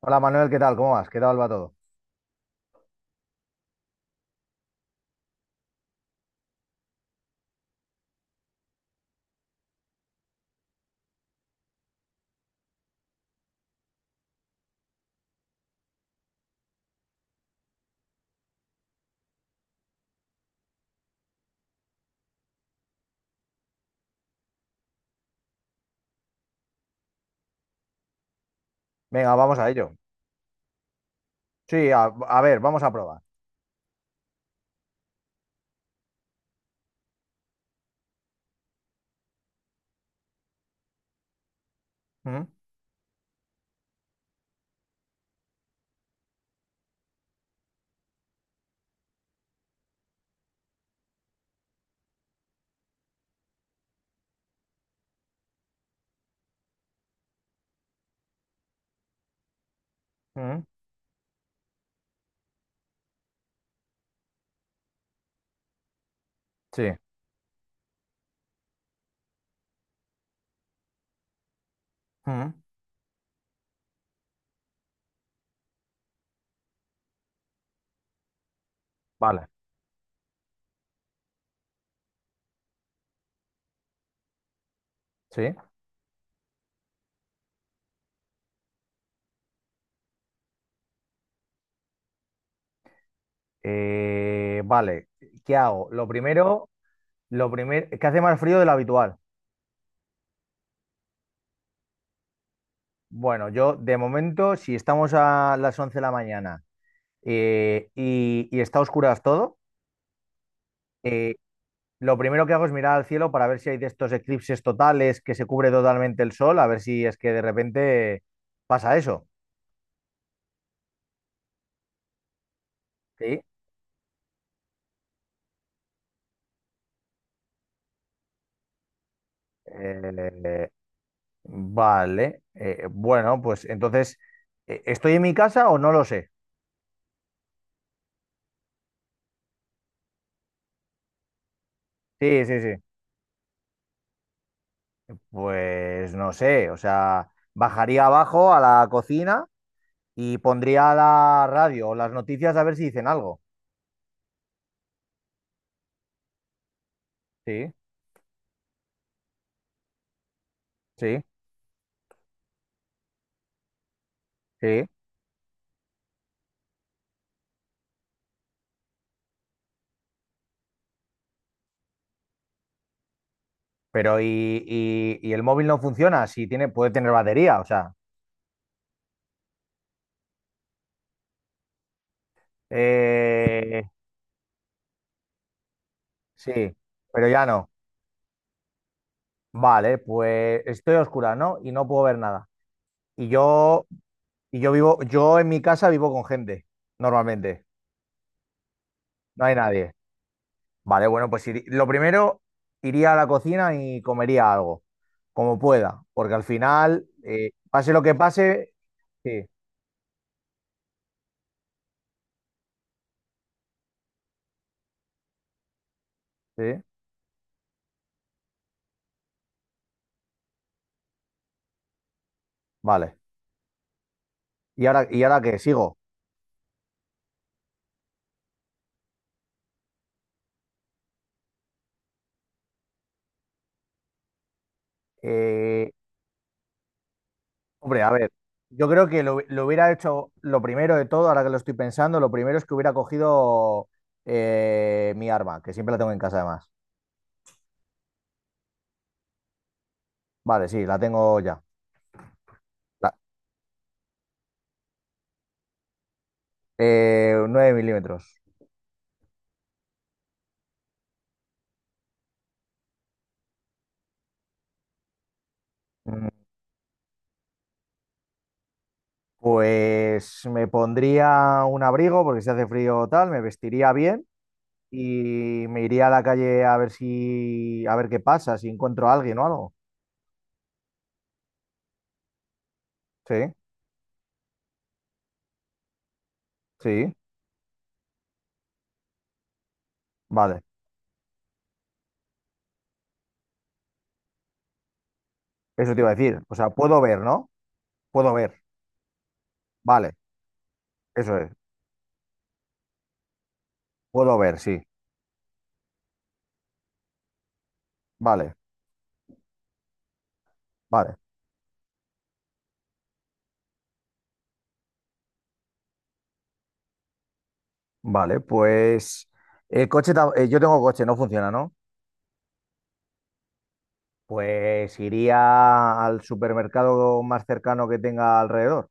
Hola Manuel, ¿qué tal? ¿Cómo vas? ¿Qué tal va todo? Venga, vamos a ello. Sí, a ver, vamos a probar. Ujú, ujú, sí. Ujú, vale. Sí. Vale. ¿Qué hago? Lo primero, ¿qué hace más frío de lo habitual? Bueno, yo de momento, si estamos a las 11 de la mañana y está a oscuras todo, eh, lo primero que hago es mirar al cielo para ver si hay de estos eclipses totales que se cubre totalmente el sol, a ver si es que de repente pasa eso. Sí. Eh, Vale, bueno, pues entonces, ¿estoy en mi casa o no lo sé? Sí, sí, sí. Pues no sé, o sea, bajaría abajo a la cocina y pondría la radio o las noticias a ver si dicen algo. Sí, sí, sí. Pero y el móvil no funciona, si tiene, puede tener batería, o sea. eh, sí, pero ya no. Vale, pues estoy a oscura, ¿no? Y no puedo ver nada. Y yo Y yo vivo, yo en mi casa vivo con gente, normalmente. No hay nadie. Vale, bueno, lo primero, iría a la cocina y comería algo, como pueda, porque al final, pase lo que pase, sí, sí, vale. Y ahora qué? ¿Sigo? Eh, hombre, a ver, yo creo que lo hubiera hecho, lo primero de todo, ahora que lo estoy pensando, lo primero es que hubiera cogido mi arma, que siempre la tengo en casa además. Vale, sí, la tengo ya. La- 9 milímetros. Pues me pondría un abrigo porque si hace frío o tal, me vestiría bien y me iría a la calle a ver si, a ver qué pasa, si encuentro a alguien o algo. Sí, sí, vale. Eso te iba a decir. O sea, puedo ver, ¿no? Puedo ver. Vale, eso es. Puedo ver, sí. Vale, vale, vale. Pues el coche, yo tengo coche, no funciona, ¿no? Pues iría al supermercado más cercano que tenga alrededor.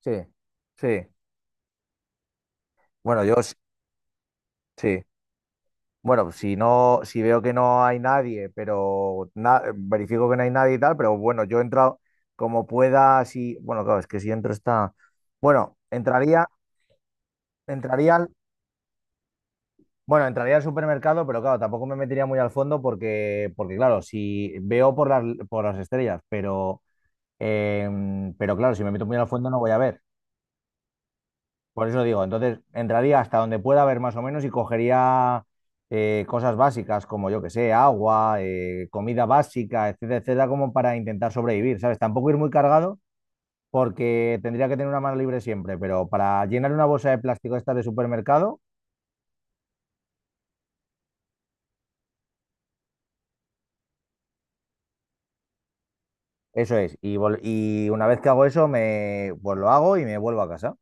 Sí, sí. Bueno, yo s- sí. Bueno, si veo que no hay nadie, verifico que no hay nadie y tal, pero bueno, yo he entrado como pueda, si, bueno, claro, es que si entro está, bueno, entraría, entraría al, bueno, entraría al supermercado, pero claro, tampoco me metería muy al fondo porque, porque claro, si veo por las estrellas, pero, pero claro, si me meto muy al fondo no voy a ver. Por eso digo, entonces entraría hasta donde pueda haber más o menos y cogería cosas básicas como yo que sé, agua, comida básica, etcétera, etcétera, como para intentar sobrevivir, ¿sabes? Tampoco ir muy cargado porque tendría que tener una mano libre siempre, pero para llenar una bolsa de plástico esta de supermercado, eso es. Y una vez que hago eso, pues lo hago y me vuelvo a casa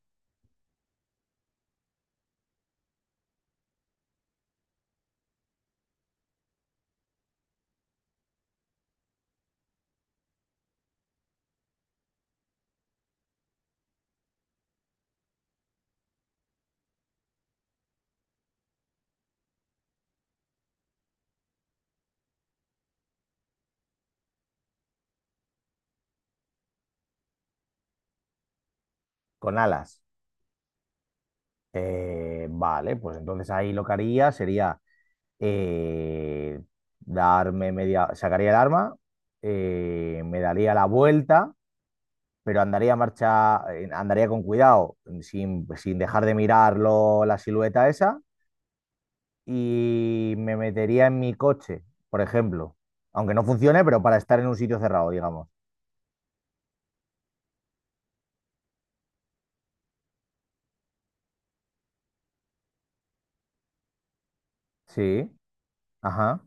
con alas. Vale, pues entonces ahí lo que haría sería eh, sacaría el arma, me daría la vuelta, pero andaría marcha, andaría con cuidado, sin dejar de mirarlo la silueta esa, y me metería en mi coche, por ejemplo. Aunque no funcione, pero para estar en un sitio cerrado, digamos. Sí, ajá,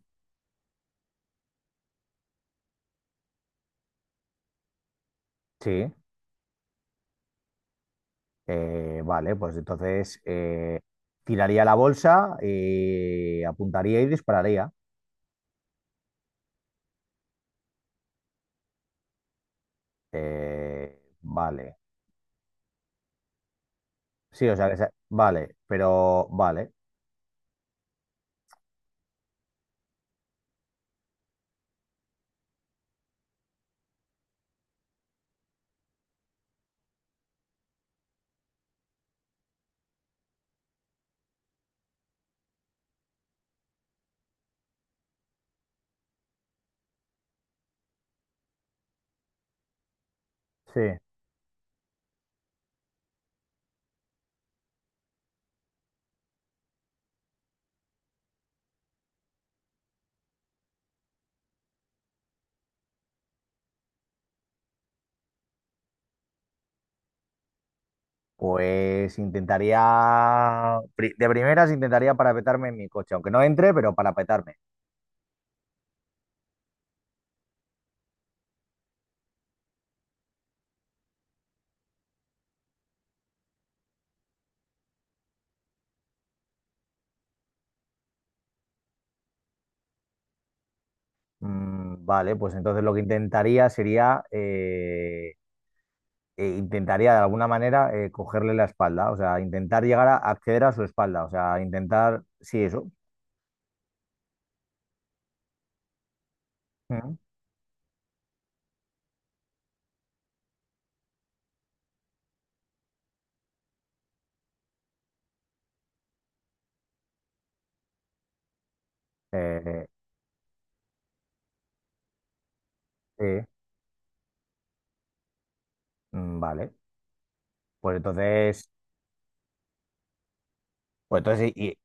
sí. Vale, pues entonces tiraría la bolsa, apuntaría y dispararía. Vale. Sí, vale, pero vale. Sí. De primeras intentaría parapetarme en mi coche, aunque no entre, pero parapetarme. Mm, vale, pues entonces lo que intentaría sería. Intentaría de alguna manera cogerle la espalda. O sea, intentar llegar a acceder a su espalda. O sea, intentar. Sí, eso. Mm. Eh, eh, vale. Pues entonces. Pues entonces, y- y-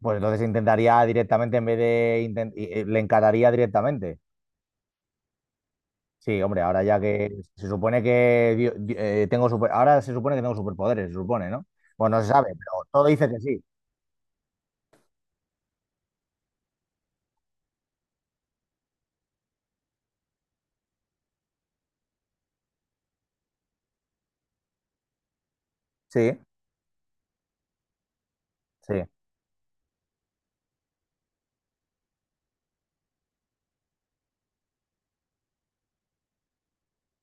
pues entonces intentaría directamente, en vez de. Inten- y- le encararía directamente. Sí, hombre, ahora ya que se supone que dio- di- tengo super, ahora se supone que tengo superpoderes, se supone, ¿no? Bueno, no se sabe, pero todo dice que sí. Sí, sí.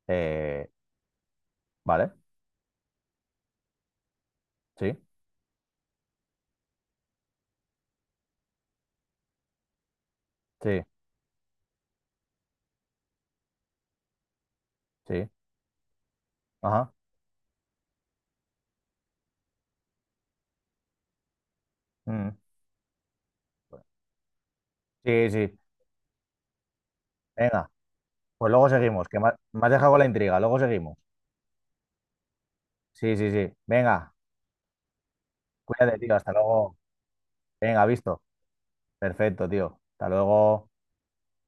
Eh, vale, sí, sí, sí. Ajá. Mm. Sí, sí. Venga, pues luego seguimos, me has dejado con la intriga, luego seguimos. Sí, sí, sí. Venga, cuídate, tío, hasta luego. Venga, visto. Perfecto, tío. Hasta luego.